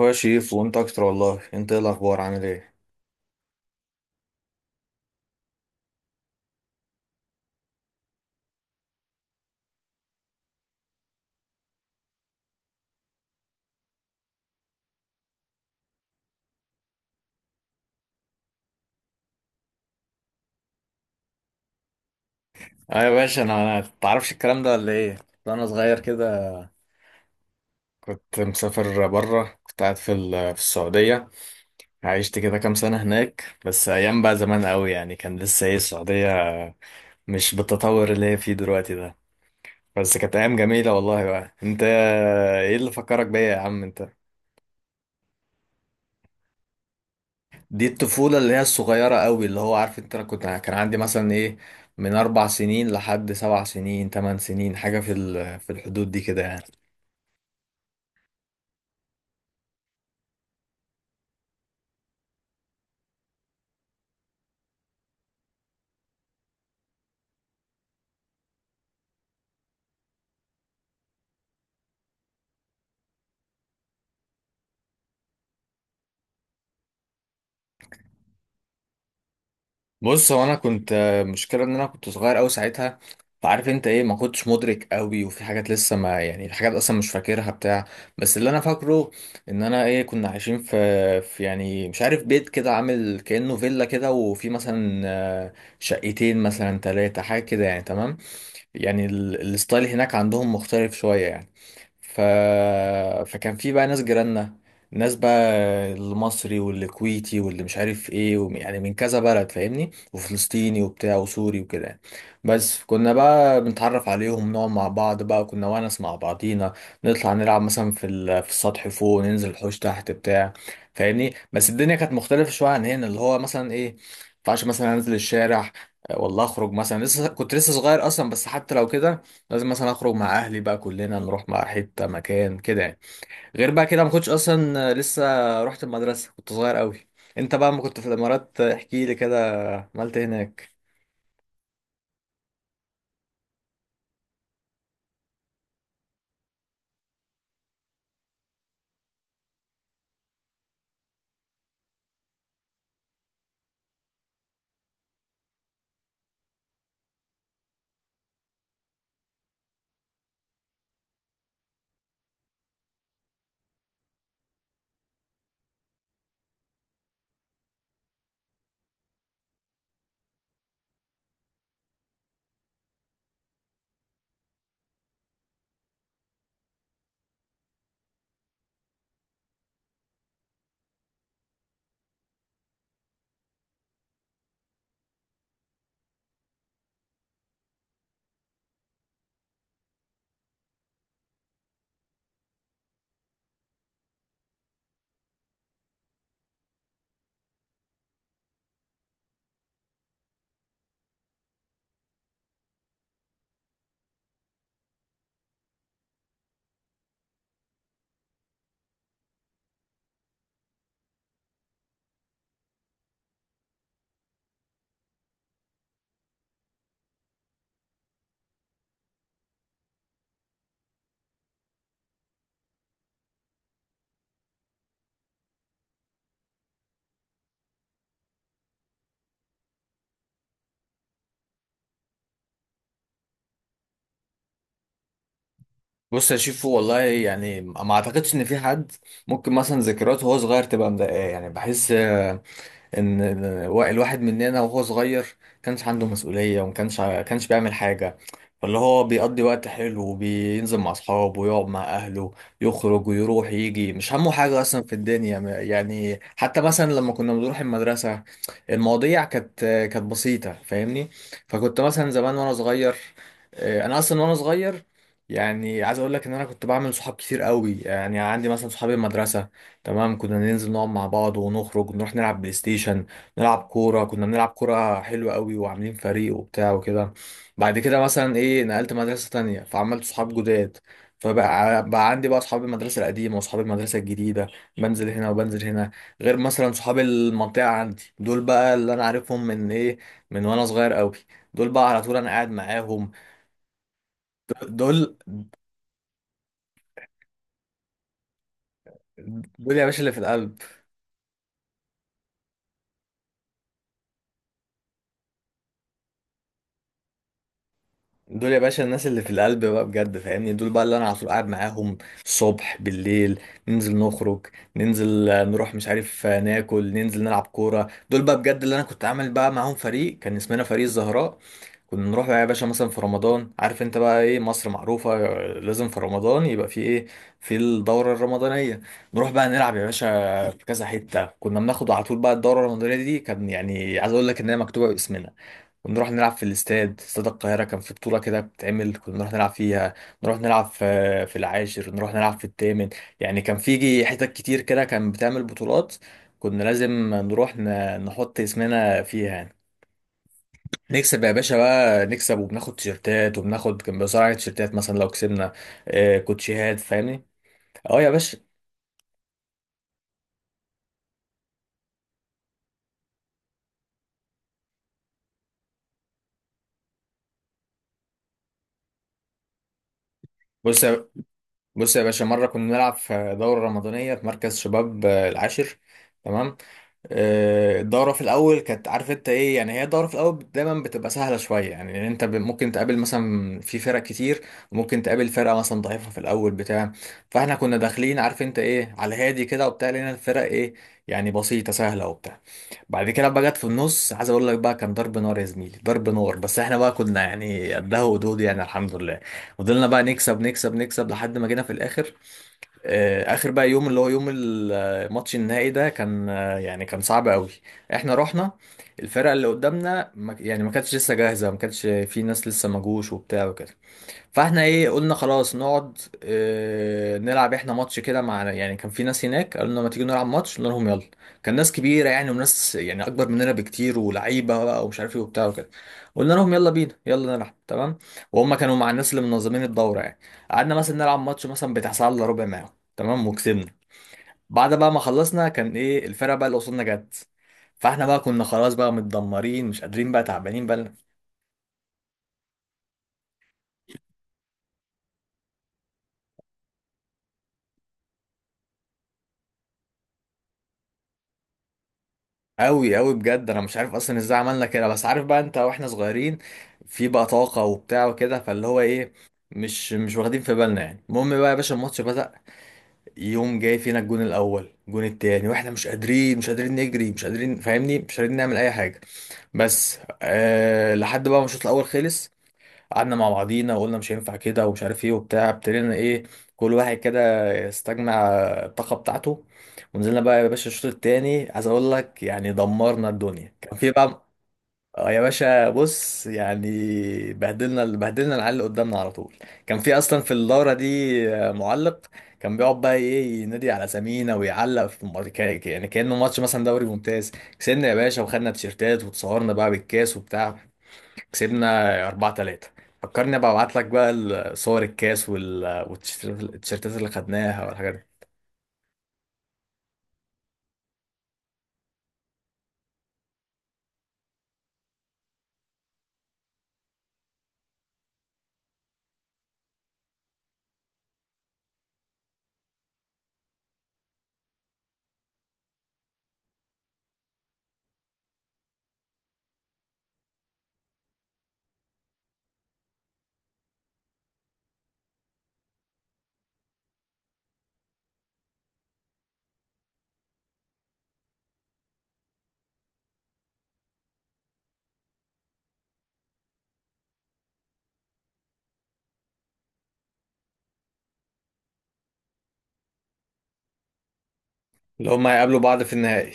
هو يا شريف وانت اكتر والله، انت ايه الاخبار، عامل ايه؟ ايوه يا باشا، انا تعرفش الكلام ده ولا ايه؟ وانا صغير كده، كنت مسافر بره، كنت قاعد في السعوديه، عشت كده كام سنه هناك، بس ايام بقى زمان قوي يعني، كان لسه ايه السعوديه مش بالتطور اللي هي فيه دلوقتي ده، بس كانت ايام جميله والله. بقى انت ايه اللي فكرك بيا يا عم انت؟ دي الطفولة اللي هي الصغيرة قوي، اللي هو عارف انت، انا كنت، كان عندي مثلا ايه، من 4 سنين لحد 7 سنين، 8 سنين حاجة في الحدود دي كده يعني. بص، هو انا كنت، مشكلة ان انا كنت صغير قوي ساعتها، فعارف انت ايه، ما كنتش مدرك قوي، وفي حاجات لسه ما، يعني في حاجات اصلا مش فاكرها بتاع. بس اللي انا فاكره ان انا ايه، كنا عايشين في يعني، مش عارف، بيت كده عامل كأنه فيلا كده، وفي مثلا شقتين، مثلا ثلاثة، حاجة كده يعني، تمام. يعني الستايل هناك عندهم مختلف شوية يعني، ف... فكان في بقى ناس جيراننا، ناس بقى المصري والكويتي واللي مش عارف ايه، يعني من كذا بلد فاهمني، وفلسطيني وبتاع وسوري وكده يعني. بس كنا بقى بنتعرف عليهم، نقعد مع بعض، بقى كنا ونس مع بعضينا، نطلع نلعب مثلا في السطح فوق، ننزل الحوش تحت بتاع فاهمني. بس الدنيا كانت مختلفة شوية عن هنا، اللي هو مثلا ايه، ما ينفعش مثلا انزل الشارع والله، اخرج مثلا، لسه كنت لسه صغير اصلا، بس حتى لو كده لازم مثلا اخرج مع اهلي، بقى كلنا نروح مع حته، مكان كده يعني، غير بقى كده ما كنتش اصلا لسه رحت المدرسه، كنت صغير قوي. انت بقى ما كنت في الامارات، احكي لي كده، عملت إيه هناك؟ بص يا شيفو والله، يعني ما اعتقدش ان في حد ممكن مثلا ذكرياته وهو صغير تبقى مضايقاه، يعني بحس ان الواحد مننا وهو صغير كانش عنده مسؤولية، وما كانش كانش بيعمل حاجة، فاللي هو بيقضي وقت حلو، وبينزل مع اصحابه، ويقعد مع اهله، يخرج ويروح يجي، مش همه حاجة اصلا في الدنيا، يعني حتى مثلا لما كنا بنروح المدرسة، المواضيع كانت بسيطة فاهمني. فكنت مثلا زمان وانا صغير، انا اصلا وانا صغير يعني، عايز اقول لك ان انا كنت بعمل صحاب كتير قوي، يعني عندي مثلا صحابي المدرسة، تمام، كنا ننزل نقعد مع بعض، ونخرج نروح نلعب بلاي ستيشن، نلعب كورة، كنا بنلعب كورة حلوة قوي، وعاملين فريق وبتاع وكده. بعد كده مثلا ايه، نقلت مدرسة تانية فعملت صحاب جداد، فبقى عندي بقى صحاب المدرسة القديمة وصحاب المدرسة الجديدة، بنزل هنا وبنزل هنا، غير مثلا صحاب المنطقة عندي، دول بقى اللي انا عارفهم من ايه، من وانا صغير قوي، دول بقى على طول انا قاعد معاهم. دول دول يا باشا اللي في القلب، دول يا باشا الناس اللي في القلب بقى بجد فاهمني، دول بقى اللي انا على طول قاعد معاهم، الصبح بالليل، ننزل نخرج، ننزل نروح مش عارف ناكل، ننزل نلعب كوره. دول بقى بجد اللي انا كنت عامل بقى معاهم فريق، كان اسمنا فريق الزهراء، كنا نروح بقى يا باشا مثلا في رمضان، عارف انت بقى ايه، مصر معروفه لازم في رمضان يبقى في ايه، في الدوره الرمضانيه، نروح بقى نلعب يا باشا في كذا حته، كنا بناخد على طول بقى الدوره الرمضانيه دي، كان يعني عايز اقول لك ان هي مكتوبه باسمنا. ونروح نلعب في الاستاد، استاد القاهرة كان في بطولة كده بتتعمل، كنا نروح نلعب فيها، نروح نلعب في العاشر، نروح نلعب في التامن، يعني كان في حتت كتير كده كان بتعمل بطولات، كنا لازم نروح نحط اسمنا فيها يعني. نكسب يا باشا بقى، نكسب وبناخد تيشيرتات، وبناخد، كان بيوزعوا علينا تيشيرتات مثلا لو كسبنا، كوتشيهات فاهمني. اه يا باشا، بص يا بص يا باشا، مرة كنا نلعب في دورة رمضانية في مركز شباب العاشر، تمام. الدورة في الأول كانت، عارف أنت إيه يعني، هي الدورة في الأول دايما بتبقى سهلة شوية يعني، لأن أنت ممكن تقابل مثلا في فرق كتير، وممكن تقابل فرقة مثلا ضعيفة في الأول بتاع، فإحنا كنا داخلين، عارف أنت إيه، على هادي كده وبتاع، لأن الفرق إيه، يعني بسيطة سهلة وبتاع. بعد كده بقى جت في النص، عايز أقول لك بقى كان ضرب نار يا زميلي، ضرب نار، بس إحنا بقى كنا يعني قدها ودود يعني، الحمد لله، فضلنا بقى نكسب نكسب نكسب لحد ما جينا في الآخر. اخر بقى يوم، اللي هو يوم الماتش النهائي ده، كان يعني كان صعب قوي، احنا رحنا، الفرقه اللي قدامنا يعني ما كانتش لسه جاهزه، ما كانتش في ناس لسه ما جوش وبتاع وكده، فاحنا ايه قلنا خلاص نقعد نلعب احنا ماتش كده مع، يعني كان في ناس هناك قالوا لنا ما تيجي نلعب ماتش، قلنا لهم يلا. كان ناس كبيره يعني، وناس يعني اكبر مننا بكتير ولعيبه بقى ومش عارف ايه وبتاع وكده، قلنا لهم يلا بينا يلا نلعب، تمام، وهم كانوا مع الناس اللي منظمين الدوره يعني، قعدنا مثلا نلعب ماتش مثلا بتاع ساعه الا ربع معاهم، تمام وكسبنا. بعد بقى ما خلصنا، كان ايه الفرقه بقى اللي قصادنا جت، فاحنا بقى كنا خلاص بقى متدمرين، مش قادرين بقى، تعبانين بقى. أوي أوي بجد، أنا مش عارف أصلا إزاي عملنا كده، بس عارف بقى أنت، وإحنا صغيرين في بقى طاقة وبتاع وكده، فاللي هو إيه مش واخدين في بالنا يعني. المهم بقى يا باشا الماتش بدأ، يوم جاي فينا الجون الأول، الجون التاني، وإحنا مش قادرين، مش قادرين نجري، مش قادرين فاهمني، مش قادرين نعمل أي حاجة، بس لحد بقى ما الشوط الأول خلص، قعدنا مع بعضينا وقلنا مش هينفع كده، ومش عارف ايه وبتاع، ابتدينا ايه كل واحد كده يستجمع الطاقة بتاعته، ونزلنا بقى يا باشا الشوط التاني، عايز اقول لك يعني دمرنا الدنيا، كان في بقى. آه يا باشا، بص يعني بهدلنا بهدلنا العيال اللي قدامنا على طول، كان في اصلا في الدورة دي معلق، كان بيقعد بقى ايه ينادي على سمينا ويعلق في الماتش، يعني كأنه ماتش مثلا دوري ممتاز. كسبنا يا باشا، وخدنا تيشيرتات، وتصورنا بقى بالكاس وبتاع، كسبنا 4-3. فكرني ابقى ابعت لك بقى صور الكاس والتيشيرتات، التيشيرتات اللي خدناها والحاجات دي، اللي هم هيقابلوا بعض في النهائي.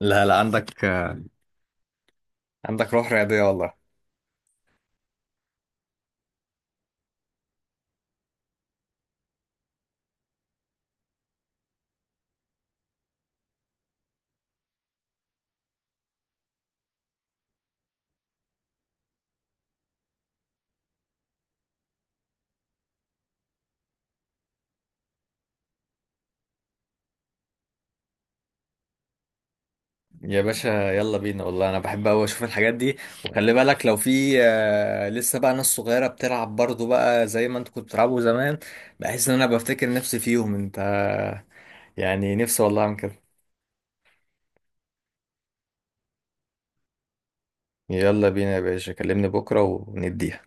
لا لا، عندك عندك روح رياضية والله. يا باشا يلا بينا والله، انا بحب قوي اشوف الحاجات دي، وخلي بالك لو في لسه بقى ناس صغيرة بتلعب برضو بقى زي ما انت كنت بتلعبوا زمان، بحس ان انا بفتكر نفسي فيهم انت، يعني نفسي والله اعمل كده. يلا بينا يا باشا، كلمني بكرة ونديها.